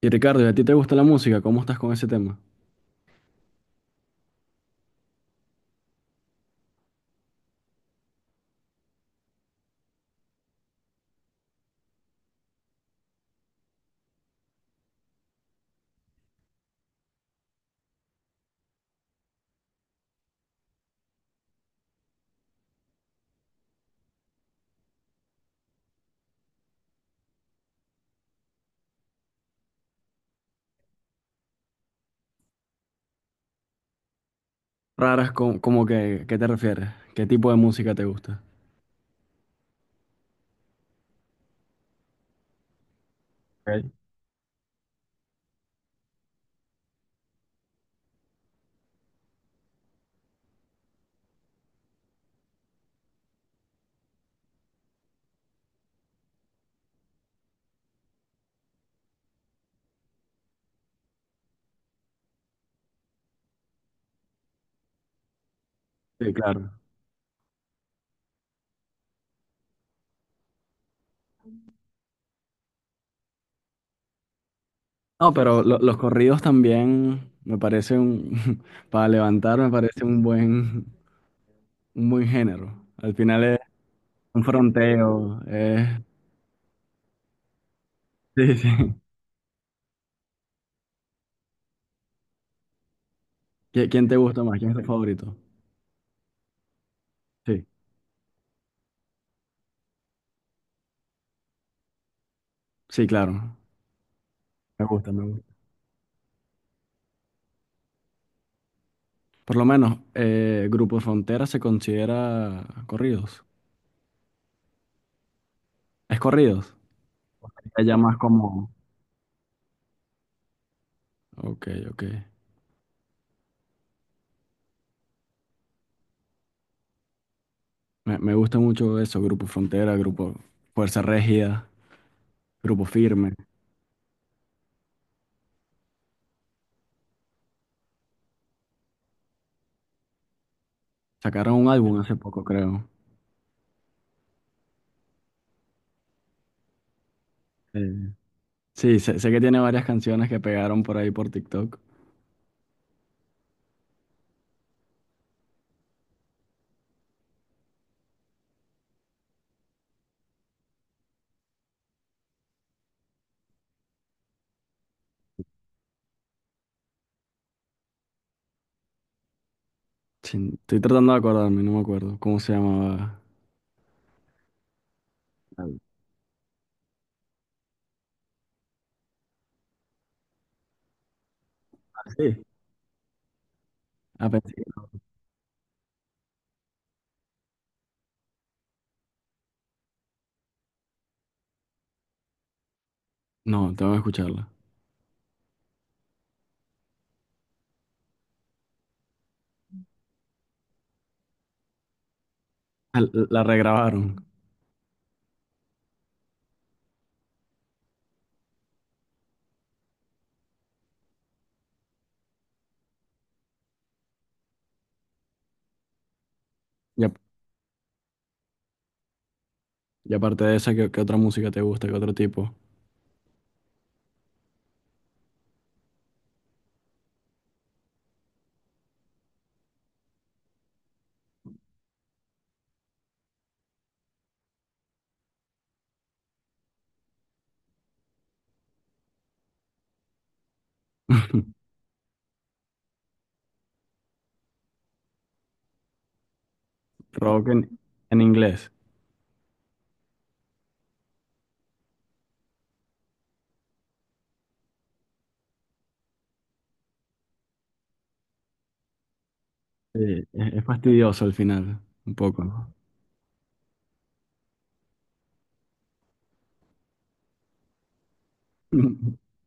Y Ricardo, ¿y a ti te gusta la música? ¿Cómo estás con ese tema? Raras, ¿como que qué te refieres? ¿Qué tipo de música te gusta? Ok. Sí, claro. No, pero los corridos también me parece un, para levantar me parece un buen género. Al final es un fronteo. Sí, sí. ¿Quién te gusta más? ¿Quién es tu favorito? Sí, sí, claro. Me gusta, me gusta. Por lo menos, Grupo Frontera se considera corridos. ¿Es corridos? Ya más como... Ok, ok. Me gusta mucho eso, Grupo Frontera, Grupo Fuerza Régida, Grupo Firme. Sacaron un álbum hace poco, creo. Eh, sí, sé que tiene varias canciones que pegaron por ahí por TikTok. Chin, estoy tratando de acordarme, no me acuerdo. ¿Cómo se llamaba? Sí. Ah, pensé que- No, no, tengo que escucharla. Ah, la regrabaron. Y, a- y aparte de esa, ¿qué, qué otra música te gusta? ¿Qué otro tipo? Rock en inglés. Sí, es fastidioso al final, un poco, ¿no?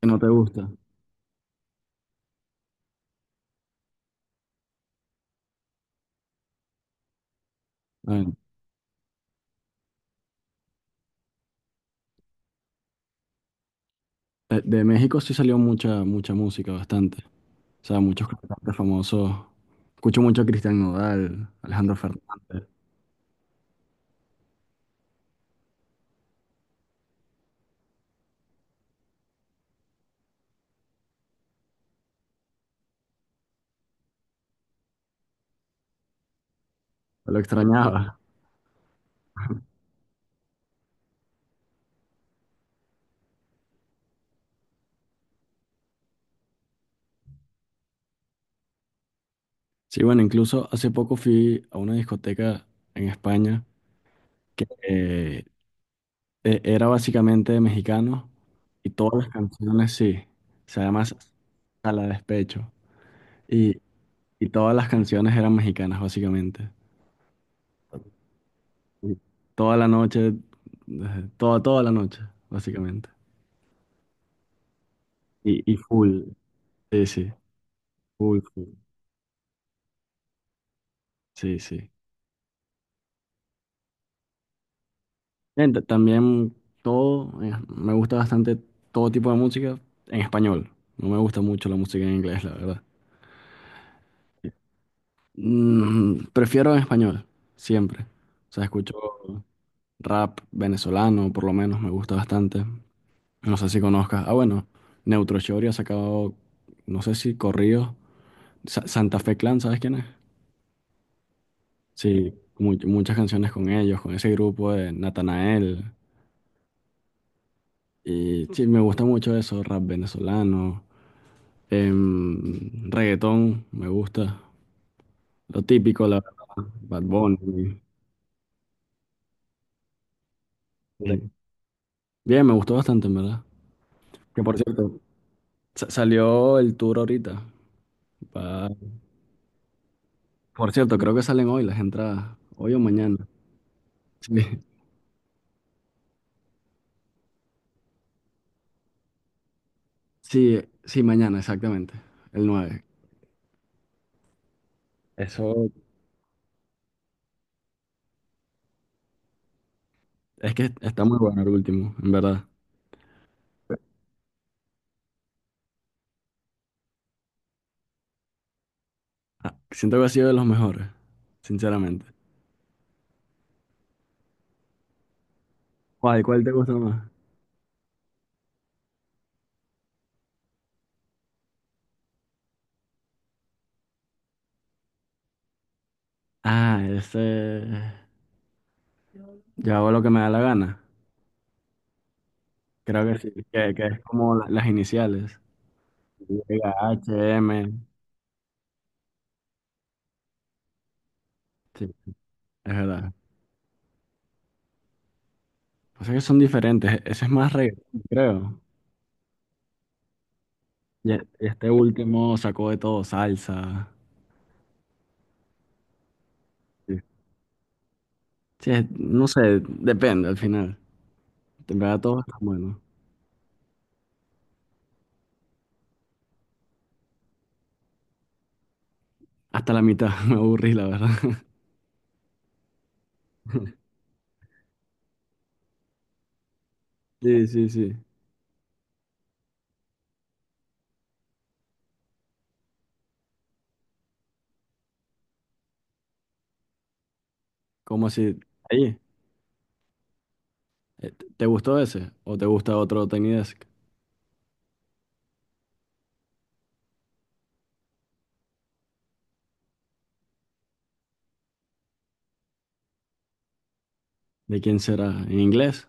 Que no te gusta. Bueno, de México sí salió mucha, mucha música, bastante. O sea, muchos cantantes famosos. Escucho mucho a Cristian Nodal, Alejandro Fernández. Lo extrañaba. Sí, bueno, incluso hace poco fui a una discoteca en España que era básicamente de mexicanos y todas las canciones sí. O sea, además a la despecho. Y, y todas las canciones eran mexicanas, básicamente. Y toda la noche, toda, toda la noche, básicamente. Y full, sí, sí, full, full, sí, sí. También todo, me gusta bastante todo tipo de música en español. No me gusta mucho la música en inglés, la verdad. Mm, prefiero en español, siempre. O sea, escucho rap venezolano, por lo menos, me gusta bastante. No sé si conozcas. Ah, bueno, Neutro Shorty ha sacado, no sé si corridos. Santa Fe Clan, ¿sabes quién es? Sí, muchas canciones con ellos, con ese grupo de Natanael. Y sí, me gusta mucho eso, rap venezolano, em, reggaetón, me gusta, lo típico, la verdad, Bad Bunny. Sí, sí. Bien, me gustó bastante, en verdad. Que por cierto, salió el tour ahorita. va- Por cierto, creo que salen hoy las entradas, hoy o mañana. Sí, sí, sí, mañana, exactamente, el 9. Eso es que está muy bueno el último, en verdad. Ah, siento que ha sido de los mejores, sinceramente. ¿Cuál, cuál te gusta más? Ah, ese. Yo hago lo que me da la gana. Creo que sí, que es como las iniciales. Llega HM. Sí, es verdad. O sea que son diferentes. Ese es más reggaetón, creo. Y este último sacó de todo salsa. Sí. Sí, no sé, depende al final. En verdad todo está bueno. Hasta la mitad me aburrí, la verdad. Sí, sí, sí. Como si... Ahí, eh, ¿te gustó ese? ¿O te gusta otro Tiny Desk? ¿De quién será? ¿En inglés?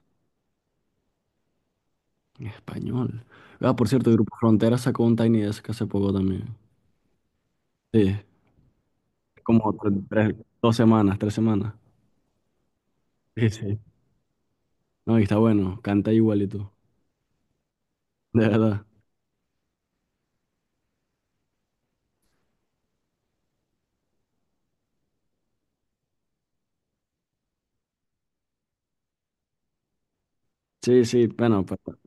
En español. Ah, por cierto, el Grupo Frontera sacó un Tiny Desk hace poco también. Sí, como dos semanas, tres semanas. Sí, sí. No, y está bueno, canta igualito, de verdad. Sí, sí, bueno, pero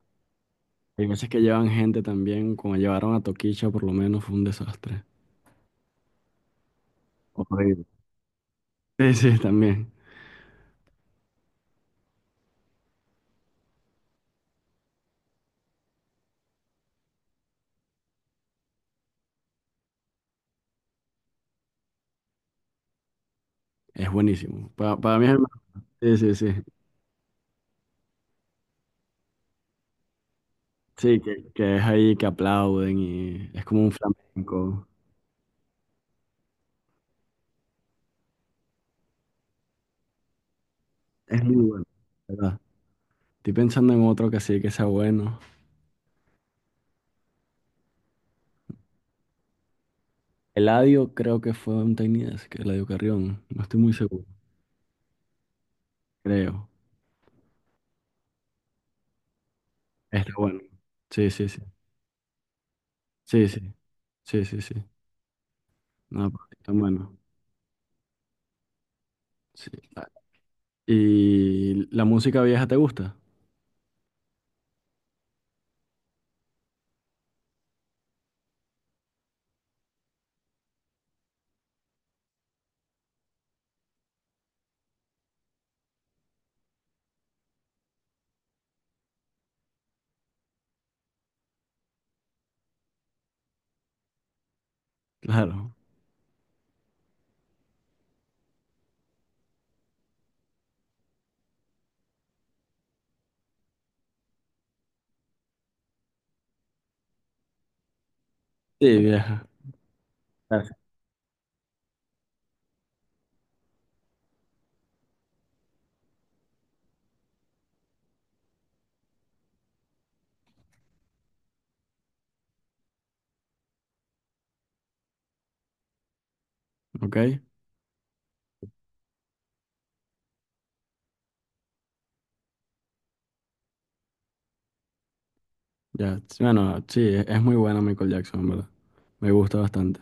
hay veces que llevan gente también, como llevaron a Toquicha por lo menos fue un desastre. Horrible. Sí, sí, también. Es buenísimo. Para mí es Sí, sí, sí. Sí, que es ahí que aplauden y es como un flamenco. Es muy bueno, de ¿verdad? Estoy pensando en otro que sí que sea bueno. Eladio creo que fue un tainas que Eladio Carrión, no estoy muy seguro, creo. Está bueno. Sí, sí, sí. Sí, sí. Sí, sí, sí. No, pero está bueno. Sí. Ah, ¿y la música vieja te gusta? Claro. Sí, vieja. Gracias. Ok. Ya. Sí, bueno, sí, es muy buena Michael Jackson, en ¿verdad? Me gusta bastante.